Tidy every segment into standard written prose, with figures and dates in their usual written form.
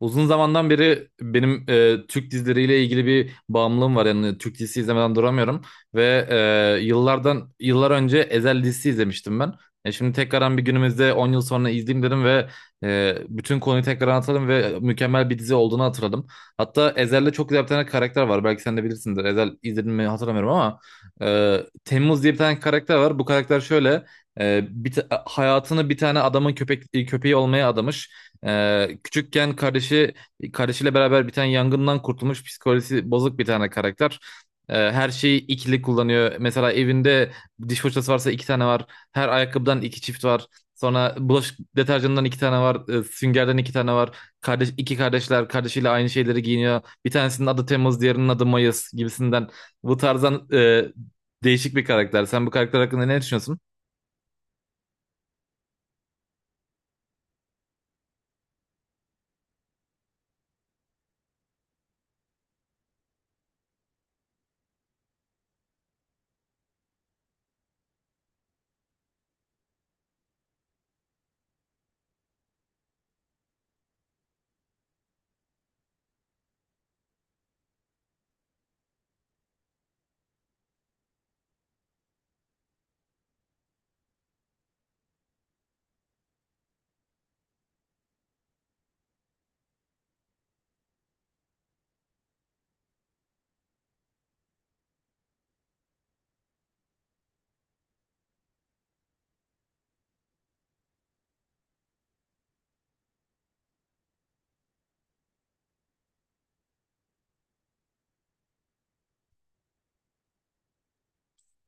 Uzun zamandan beri benim Türk dizileriyle ilgili bir bağımlılığım var. Yani Türk dizisi izlemeden duramıyorum ve yıllardan yıllar önce Ezel dizisi izlemiştim ben. Şimdi tekrardan bir günümüzde 10 yıl sonra izleyeyim dedim ve bütün konuyu tekrar anlatalım ve mükemmel bir dizi olduğunu hatırladım. Hatta Ezel'de çok güzel bir tane karakter var. Belki sen de bilirsindir. Ezel izledin mi hatırlamıyorum ama e, Temmuz diye bir tane karakter var. Bu karakter şöyle hayatını bir tane adamın köpeği olmaya adamış. Küçükken kardeşiyle beraber bir tane yangından kurtulmuş psikolojisi bozuk bir tane karakter. Her şeyi ikili kullanıyor. Mesela evinde diş fırçası varsa iki tane var. Her ayakkabıdan iki çift var. Sonra bulaşık deterjanından iki tane var. Süngerden iki tane var. Kardeş, iki kardeşler kardeşiyle aynı şeyleri giyiniyor. Bir tanesinin adı Temmuz, diğerinin adı Mayıs gibisinden. Bu tarzdan değişik bir karakter. Sen bu karakter hakkında ne düşünüyorsun?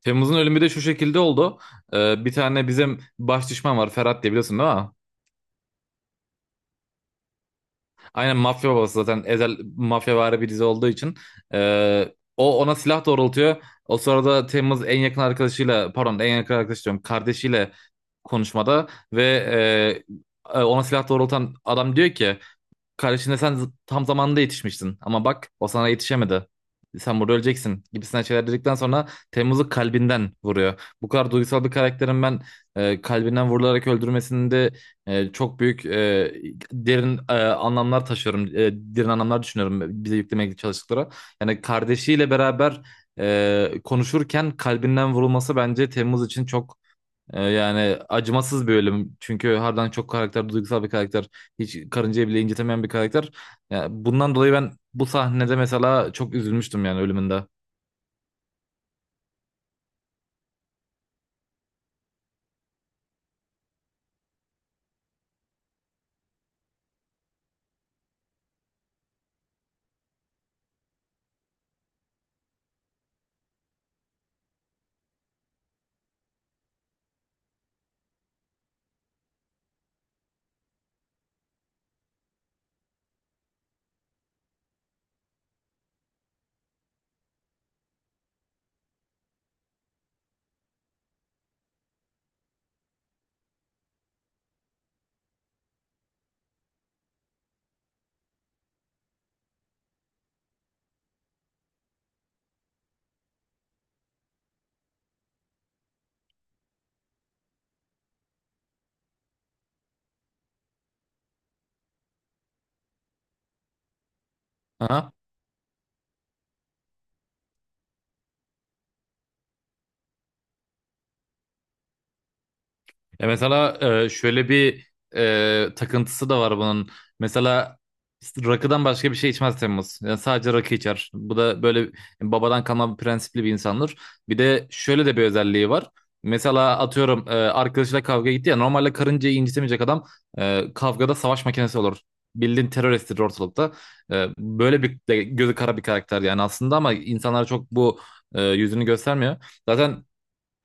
Temmuz'un ölümü de şu şekilde oldu. Bir tane bizim baş düşman var Ferhat diye biliyorsun değil mi? Aynen mafya babası zaten ezel mafyavari bir dizi olduğu için. O ona silah doğrultuyor. O sırada Temmuz en yakın arkadaşıyla pardon en yakın arkadaş diyorum kardeşiyle konuşmada ve ona silah doğrultan adam diyor ki kardeşine sen tam zamanında yetişmiştin ama bak o sana yetişemedi. Sen burada öleceksin gibisinden şeyler dedikten sonra Temmuz'u kalbinden vuruyor. Bu kadar duygusal bir karakterin ben kalbinden vurularak öldürmesinde çok büyük derin anlamlar taşıyorum. Derin anlamlar düşünüyorum bize yüklemeye çalıştıkları. Yani kardeşiyle beraber konuşurken kalbinden vurulması bence Temmuz için çok yani acımasız bir ölüm. Çünkü harbiden çok karakter, duygusal bir karakter. Hiç karıncayı bile incitemeyen bir karakter. Yani bundan dolayı ben bu sahnede mesela çok üzülmüştüm yani ölümünde. Aha. Ya mesela şöyle bir takıntısı da var bunun. Mesela rakıdan başka bir şey içmez Temmuz. Yani sadece rakı içer. Bu da böyle yani babadan kalma bir prensipli bir insandır. Bir de şöyle de bir özelliği var. Mesela atıyorum arkadaşıyla kavga gitti ya normalde karıncayı incitemeyecek adam kavgada savaş makinesi olur. Bildiğin teröristtir ortalıkta. Böyle bir de gözü kara bir karakter yani aslında ama insanlar çok bu yüzünü göstermiyor. Zaten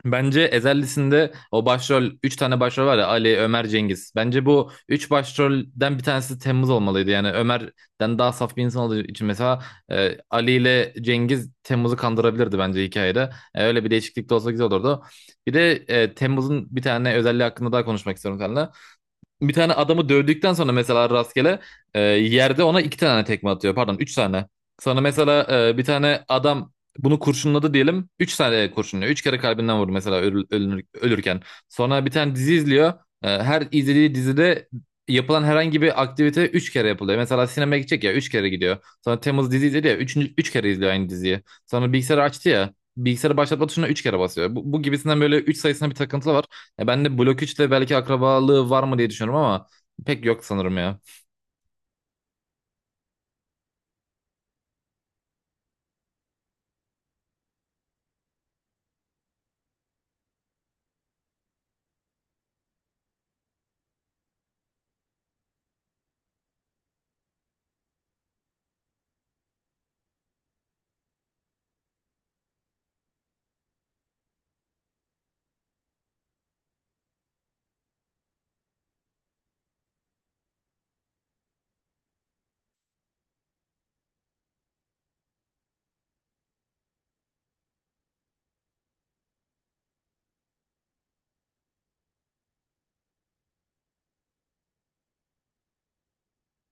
bence Ezellisinde o başrol 3 tane başrol var ya Ali, Ömer, Cengiz. Bence bu 3 başrolden bir tanesi Temmuz olmalıydı. Yani Ömer'den daha saf bir insan olduğu için mesela Ali ile Cengiz Temmuz'u kandırabilirdi bence hikayede. Öyle bir değişiklik de olsa güzel olurdu. Bir de Temmuz'un bir tane özelliği hakkında daha konuşmak istiyorum seninle bir tane adamı dövdükten sonra mesela rastgele yerde ona iki tane tekme atıyor. Pardon üç tane. Sana mesela bir tane adam bunu kurşunladı diyelim. Üç tane kurşunluyor. Üç kere kalbinden vurdu mesela ölürken. Sonra bir tane dizi izliyor. Her izlediği dizide yapılan herhangi bir aktivite üç kere yapılıyor. Mesela sinemaya gidecek ya üç kere gidiyor. Sonra Temmuz dizi izledi ya üçüncü, üç kere izliyor aynı diziyi. Sonra bilgisayarı açtı ya bilgisayarı başlatma tuşuna üç kere basıyor. Bu gibisinden böyle üç sayısına bir takıntı var. Ya ben de Blok 3'te belki akrabalığı var mı diye düşünüyorum ama pek yok sanırım ya.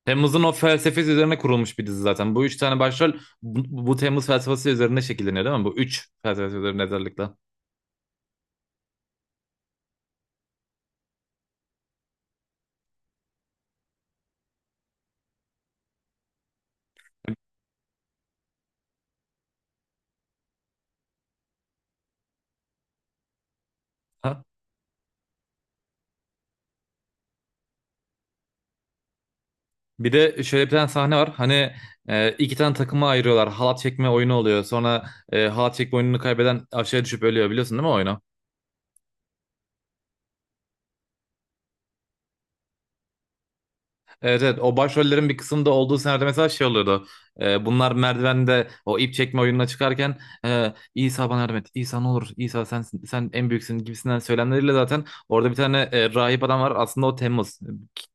Temmuz'un o felsefesi üzerine kurulmuş bir dizi zaten. Bu üç tane başrol bu Temmuz felsefesi üzerine şekilleniyor değil mi? Bu üç felsefesi üzerine özellikle. Ha? Bir de şöyle bir tane sahne var. Hani iki tane takıma ayırıyorlar. Halat çekme oyunu oluyor. Sonra halat çekme oyununu kaybeden aşağıya düşüp ölüyor. Biliyorsun değil mi o oyunu? Evet, evet, o başrollerin bir kısmında olduğu senaryoda mesela şey oluyordu. Bunlar merdivende o ip çekme oyununa çıkarken İsa bana yardım et. İsa ne olur İsa sen en büyüksün gibisinden söylemleriyle zaten orada bir tane rahip adam var. Aslında o Temmuz.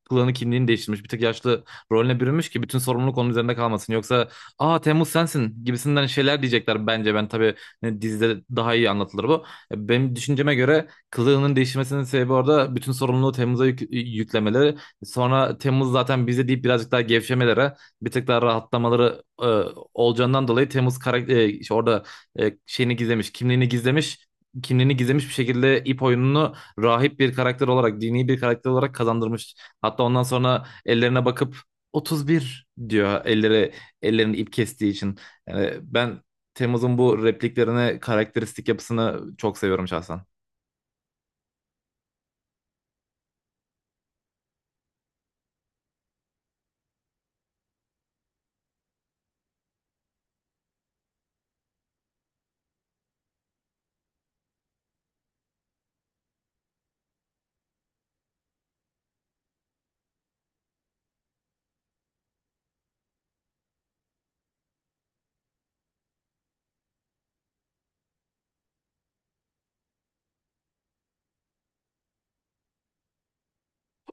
Kılığını kimliğini değiştirmiş. Bir tık yaşlı rolüne bürünmüş ki bütün sorumluluk onun üzerinde kalmasın. Yoksa aa Temmuz sensin gibisinden şeyler diyecekler bence. Ben tabii dizide daha iyi anlatılır bu. Benim düşünceme göre kılığının değişmesinin sebebi orada bütün sorumluluğu Temmuz'a yüklemeleri. Sonra Temmuz zaten bize deyip birazcık daha gevşemelere, bir tık daha rahatlamaları olacağından dolayı Temmuz karakter işte orada şeyini gizlemiş, kimliğini gizlemiş bir şekilde ip oyununu rahip bir karakter olarak, dini bir karakter olarak kazandırmış. Hatta ondan sonra ellerine bakıp 31 diyor ellerini ip kestiği için. Yani ben Temmuz'un bu repliklerine, karakteristik yapısını çok seviyorum şahsen.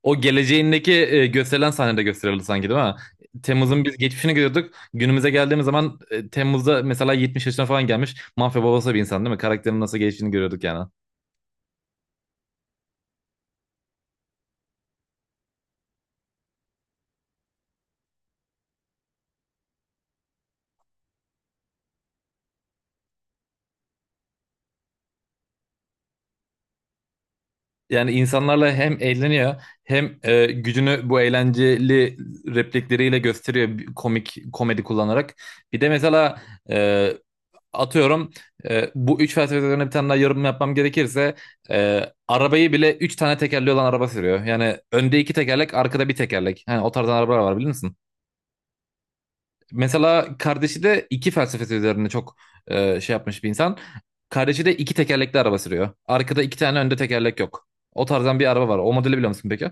O geleceğindeki gösterilen sahnede gösterildi sanki değil mi? Temmuz'un biz geçmişini görüyorduk. Günümüze geldiğimiz zaman Temmuz'da mesela 70 yaşına falan gelmiş. Mafya babası bir insan değil mi? Karakterin nasıl geliştiğini görüyorduk yani. Yani insanlarla hem eğleniyor hem gücünü bu eğlenceli replikleriyle gösteriyor bir komik komedi kullanarak. Bir de mesela e, atıyorum bu üç felsefe üzerine bir tane daha yorum yapmam gerekirse arabayı bile üç tane tekerli olan araba sürüyor. Yani önde iki tekerlek arkada bir tekerlek. Yani o tarzdan arabalar var bilir misin? Mesela kardeşi de iki felsefesi üzerine çok şey yapmış bir insan. Kardeşi de iki tekerlekli araba sürüyor. Arkada iki tane önde tekerlek yok. O tarzdan bir araba var. O modeli biliyor musun peki?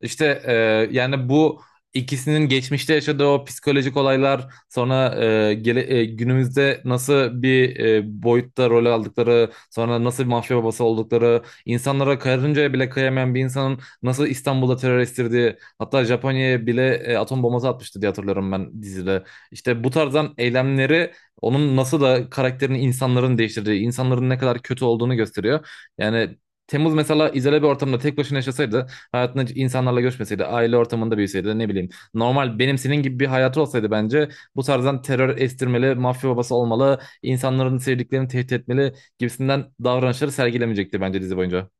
İşte yani bu ikisinin geçmişte yaşadığı o psikolojik olaylar sonra günümüzde nasıl bir boyutta rol aldıkları sonra nasıl bir mafya babası oldukları insanlara karıncaya bile kıyamayan bir insanın nasıl İstanbul'da terör estirdiği hatta Japonya'ya bile atom bombası atmıştı diye hatırlıyorum ben dizide. İşte bu tarzdan eylemleri onun nasıl da karakterini insanların değiştirdiği insanların ne kadar kötü olduğunu gösteriyor. Yani Temmuz mesela izole bir ortamda tek başına yaşasaydı hayatında hiç insanlarla görüşmeseydi, aile ortamında büyüseydi, ne bileyim. Normal benim senin gibi bir hayatı olsaydı bence bu tarzdan terör estirmeli, mafya babası olmalı, insanların sevdiklerini tehdit etmeli gibisinden davranışları sergilemeyecekti bence dizi boyunca.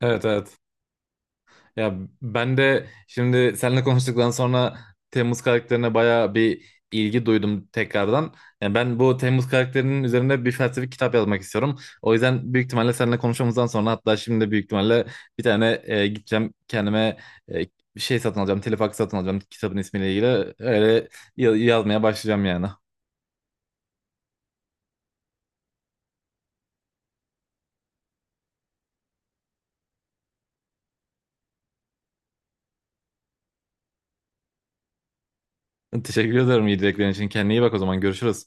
Evet, evet. Ya ben de şimdi seninle konuştuktan sonra Temmuz karakterine bayağı bir ilgi duydum tekrardan. Yani ben bu Temmuz karakterinin üzerine bir felsefi kitap yazmak istiyorum. O yüzden büyük ihtimalle seninle konuşmamızdan sonra hatta şimdi de büyük ihtimalle bir tane gideceğim kendime e, bir şey satın alacağım. Telefaks satın alacağım kitabın ismiyle ilgili. Öyle yazmaya başlayacağım yani. Teşekkür ederim iyi dileklerin için. Kendine iyi bak o zaman görüşürüz.